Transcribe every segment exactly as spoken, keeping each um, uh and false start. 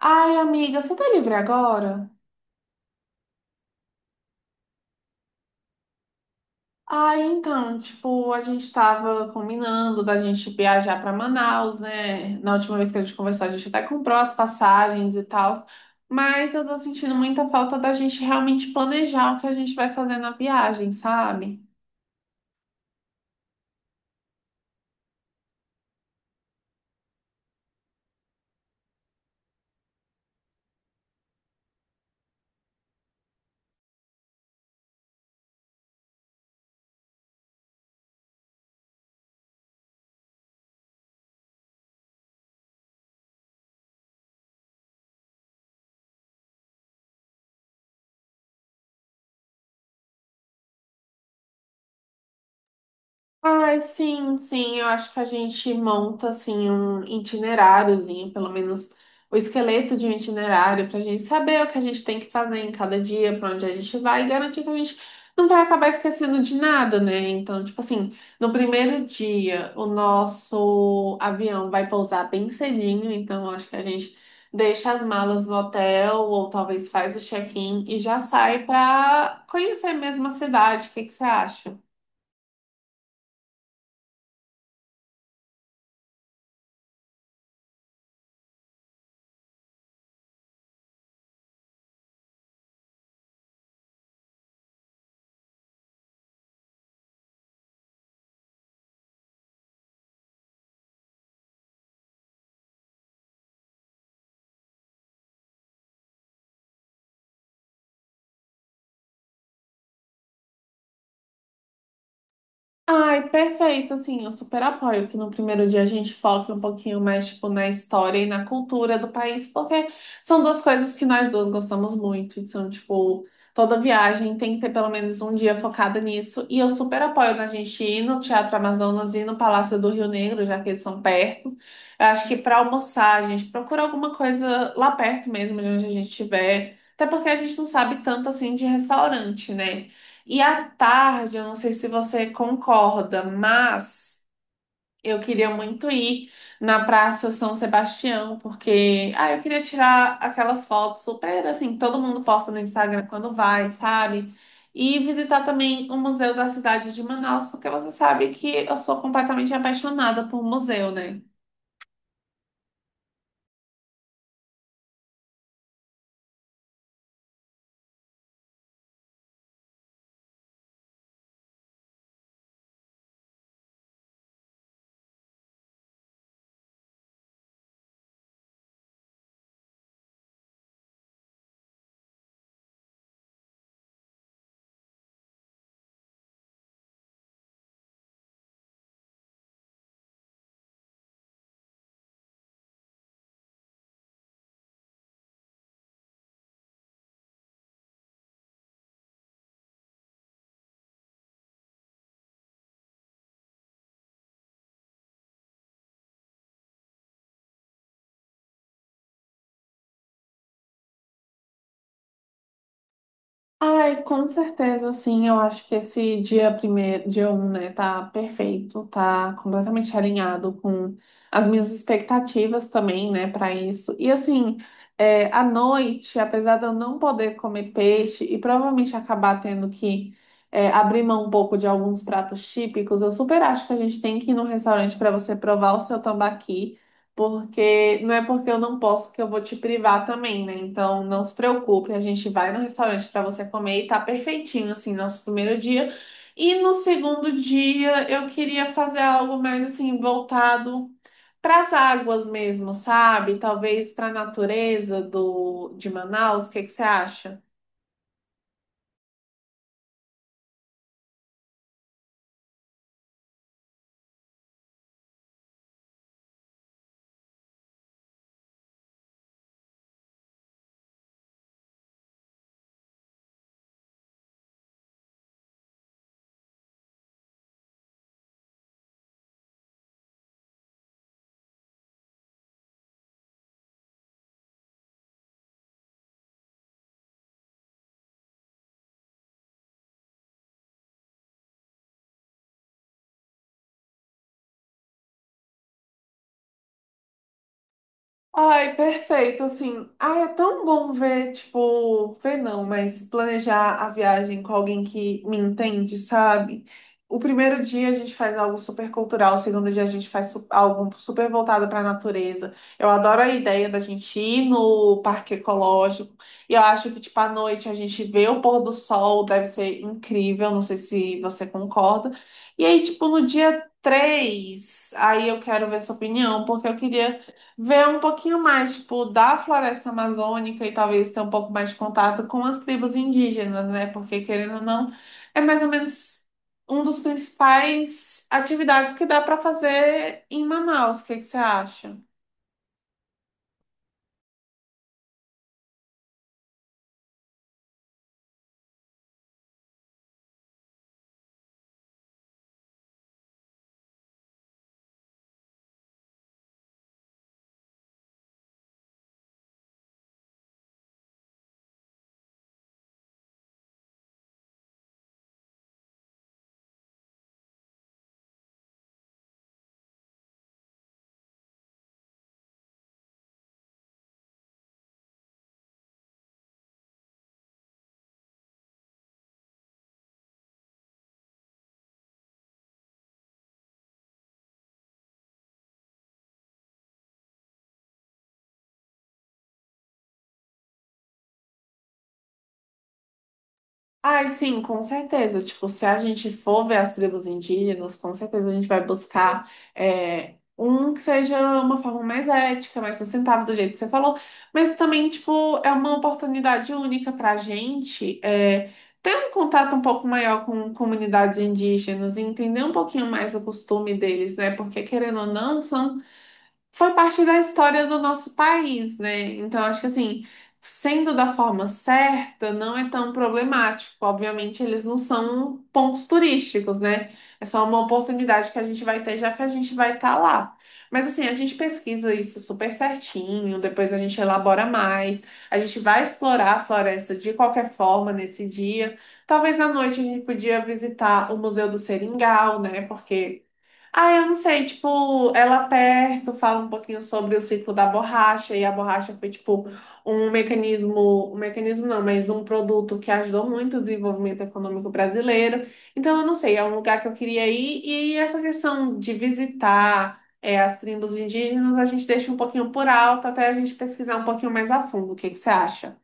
Ai, amiga, você tá livre agora? Ai, então, tipo, a gente tava combinando da gente viajar pra Manaus, né? Na última vez que a gente conversou, a gente até comprou as passagens e tal, mas eu tô sentindo muita falta da gente realmente planejar o que a gente vai fazer na viagem, sabe? Ai, sim, sim, eu acho que a gente monta assim um itineráriozinho, pelo menos o esqueleto de um itinerário, para a gente saber o que a gente tem que fazer em cada dia, para onde a gente vai, e garantir que a gente não vai acabar esquecendo de nada, né? Então, tipo assim, no primeiro dia, o nosso avião vai pousar bem cedinho, então eu acho que a gente deixa as malas no hotel, ou talvez faz o check-in e já sai para conhecer mesmo a cidade. O que que você acha? Ai, perfeito, assim, eu super apoio que no primeiro dia a gente foque um pouquinho mais, tipo, na história e na cultura do país, porque são duas coisas que nós duas gostamos muito, e são, tipo, toda viagem tem que ter pelo menos um dia focado nisso, e eu super apoio na gente ir no Teatro Amazonas e no Palácio do Rio Negro, já que eles são perto. Eu acho que para almoçar, a gente procura alguma coisa lá perto mesmo, de onde a gente estiver, até porque a gente não sabe tanto, assim, de restaurante, né? E à tarde, eu não sei se você concorda, mas eu queria muito ir na Praça São Sebastião, porque ah, eu queria tirar aquelas fotos super assim, que todo mundo posta no Instagram quando vai, sabe? E visitar também o Museu da Cidade de Manaus, porque você sabe que eu sou completamente apaixonada por museu, né? Ai, com certeza, sim. Eu acho que esse dia primeiro, dia um né, tá perfeito, tá completamente alinhado com as minhas expectativas também, né, para isso. E assim, é, à noite, apesar de eu não poder comer peixe e provavelmente acabar tendo que é, abrir mão um pouco de alguns pratos típicos, eu super acho que a gente tem que ir num restaurante para você provar o seu tambaqui, porque não é porque eu não posso que eu vou te privar também, né? Então não se preocupe, a gente vai no restaurante para você comer e tá perfeitinho assim nosso primeiro dia. E no segundo dia eu queria fazer algo mais assim voltado para as águas mesmo, sabe? Talvez para a natureza do de Manaus, o que que você acha? Ai, perfeito, assim. Ai, é tão bom ver, tipo, ver não, mas planejar a viagem com alguém que me entende, sabe? O primeiro dia a gente faz algo super cultural, o segundo dia a gente faz su- algo super voltado para a natureza. Eu adoro a ideia da gente ir no parque ecológico e eu acho que, tipo, à noite a gente vê o pôr do sol, deve ser incrível, não sei se você concorda. E aí, tipo, no dia três aí eu quero ver sua opinião, porque eu queria ver um pouquinho mais, tipo, da floresta amazônica e talvez ter um pouco mais de contato com as tribos indígenas, né? Porque, querendo ou não, é mais ou menos um dos principais atividades que dá para fazer em Manaus. O que que você acha? Ai, sim, com certeza. Tipo, se a gente for ver as tribos indígenas, com certeza a gente vai buscar é, um que seja uma forma mais ética, mais sustentável, do jeito que você falou. Mas também, tipo, é uma oportunidade única para a gente é, ter um contato um pouco maior com comunidades indígenas, e entender um pouquinho mais o costume deles, né? Porque, querendo ou não, são foi parte da história do nosso país, né? Então, acho que assim, sendo da forma certa, não é tão problemático. Obviamente, eles não são pontos turísticos, né? É só uma oportunidade que a gente vai ter, já que a gente vai estar lá. Mas assim, a gente pesquisa isso super certinho, depois a gente elabora mais, a gente vai explorar a floresta de qualquer forma nesse dia. Talvez à noite a gente podia visitar o Museu do Seringal, né? Porque ah, eu não sei, tipo, ela aperta, fala um pouquinho sobre o ciclo da borracha, e a borracha foi, tipo, um mecanismo, um mecanismo não, mas um produto que ajudou muito o desenvolvimento econômico brasileiro. Então, eu não sei, é um lugar que eu queria ir, e essa questão de visitar, é, as tribos indígenas, a gente deixa um pouquinho por alto até a gente pesquisar um pouquinho mais a fundo. O que que você acha?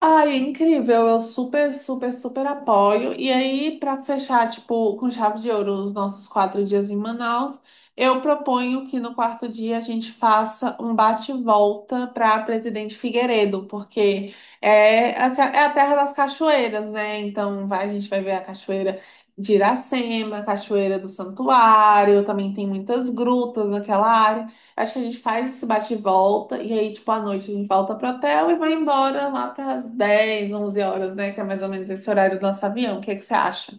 Ai, incrível, eu super, super, super apoio. E aí, para fechar, tipo, com chave de ouro os nossos quatro dias em Manaus, eu proponho que no quarto dia a gente faça um bate-volta para Presidente Figueiredo, porque é a, ca- é a terra das cachoeiras, né? Então, vai, a gente vai ver a cachoeira de Iracema, a cachoeira do Santuário, também tem muitas grutas naquela área. Acho que a gente faz esse bate e volta, e aí, tipo, à noite a gente volta pro hotel e vai embora lá para as dez, onze horas, né? Que é mais ou menos esse horário do nosso avião. O que é que você acha?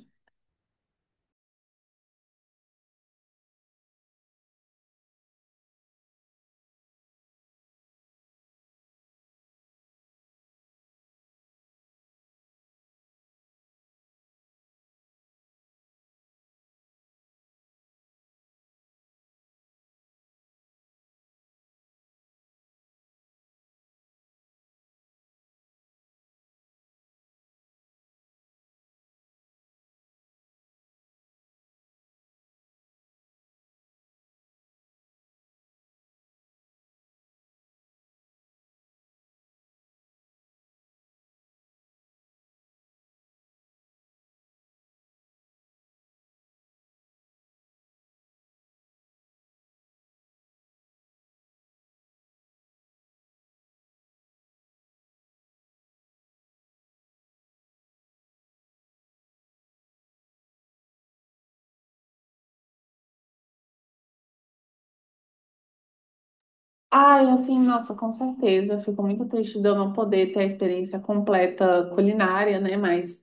Ai, assim, nossa, com certeza. Eu Fico muito triste de eu não poder ter a experiência completa culinária, né? Mas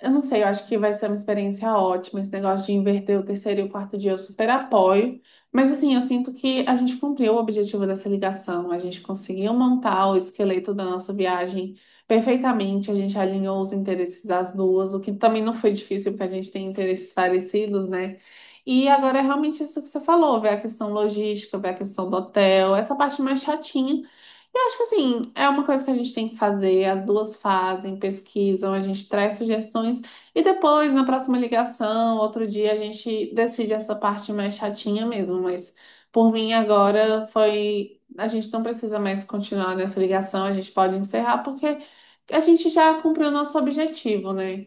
Eu não sei, eu acho que vai ser uma experiência ótima. Esse negócio de inverter o terceiro e o quarto dia, eu super apoio. Mas assim, eu sinto que a gente cumpriu o objetivo dessa ligação. A gente conseguiu montar o esqueleto da nossa viagem perfeitamente. A gente alinhou os interesses das duas, o que também não foi difícil, porque a gente tem interesses parecidos, né? E agora é realmente isso que você falou, ver a questão logística, ver a questão do hotel, essa parte mais chatinha. Eu acho que assim, é uma coisa que a gente tem que fazer, as duas fazem, pesquisam, a gente traz sugestões e depois, na próxima ligação, outro dia, a gente decide essa parte mais chatinha mesmo. Mas por mim agora foi. A gente não precisa mais continuar nessa ligação, a gente pode encerrar, porque a gente já cumpriu o nosso objetivo, né?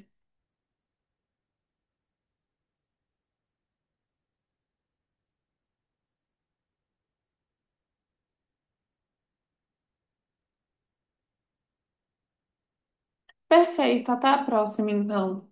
Perfeito, até a próxima, então.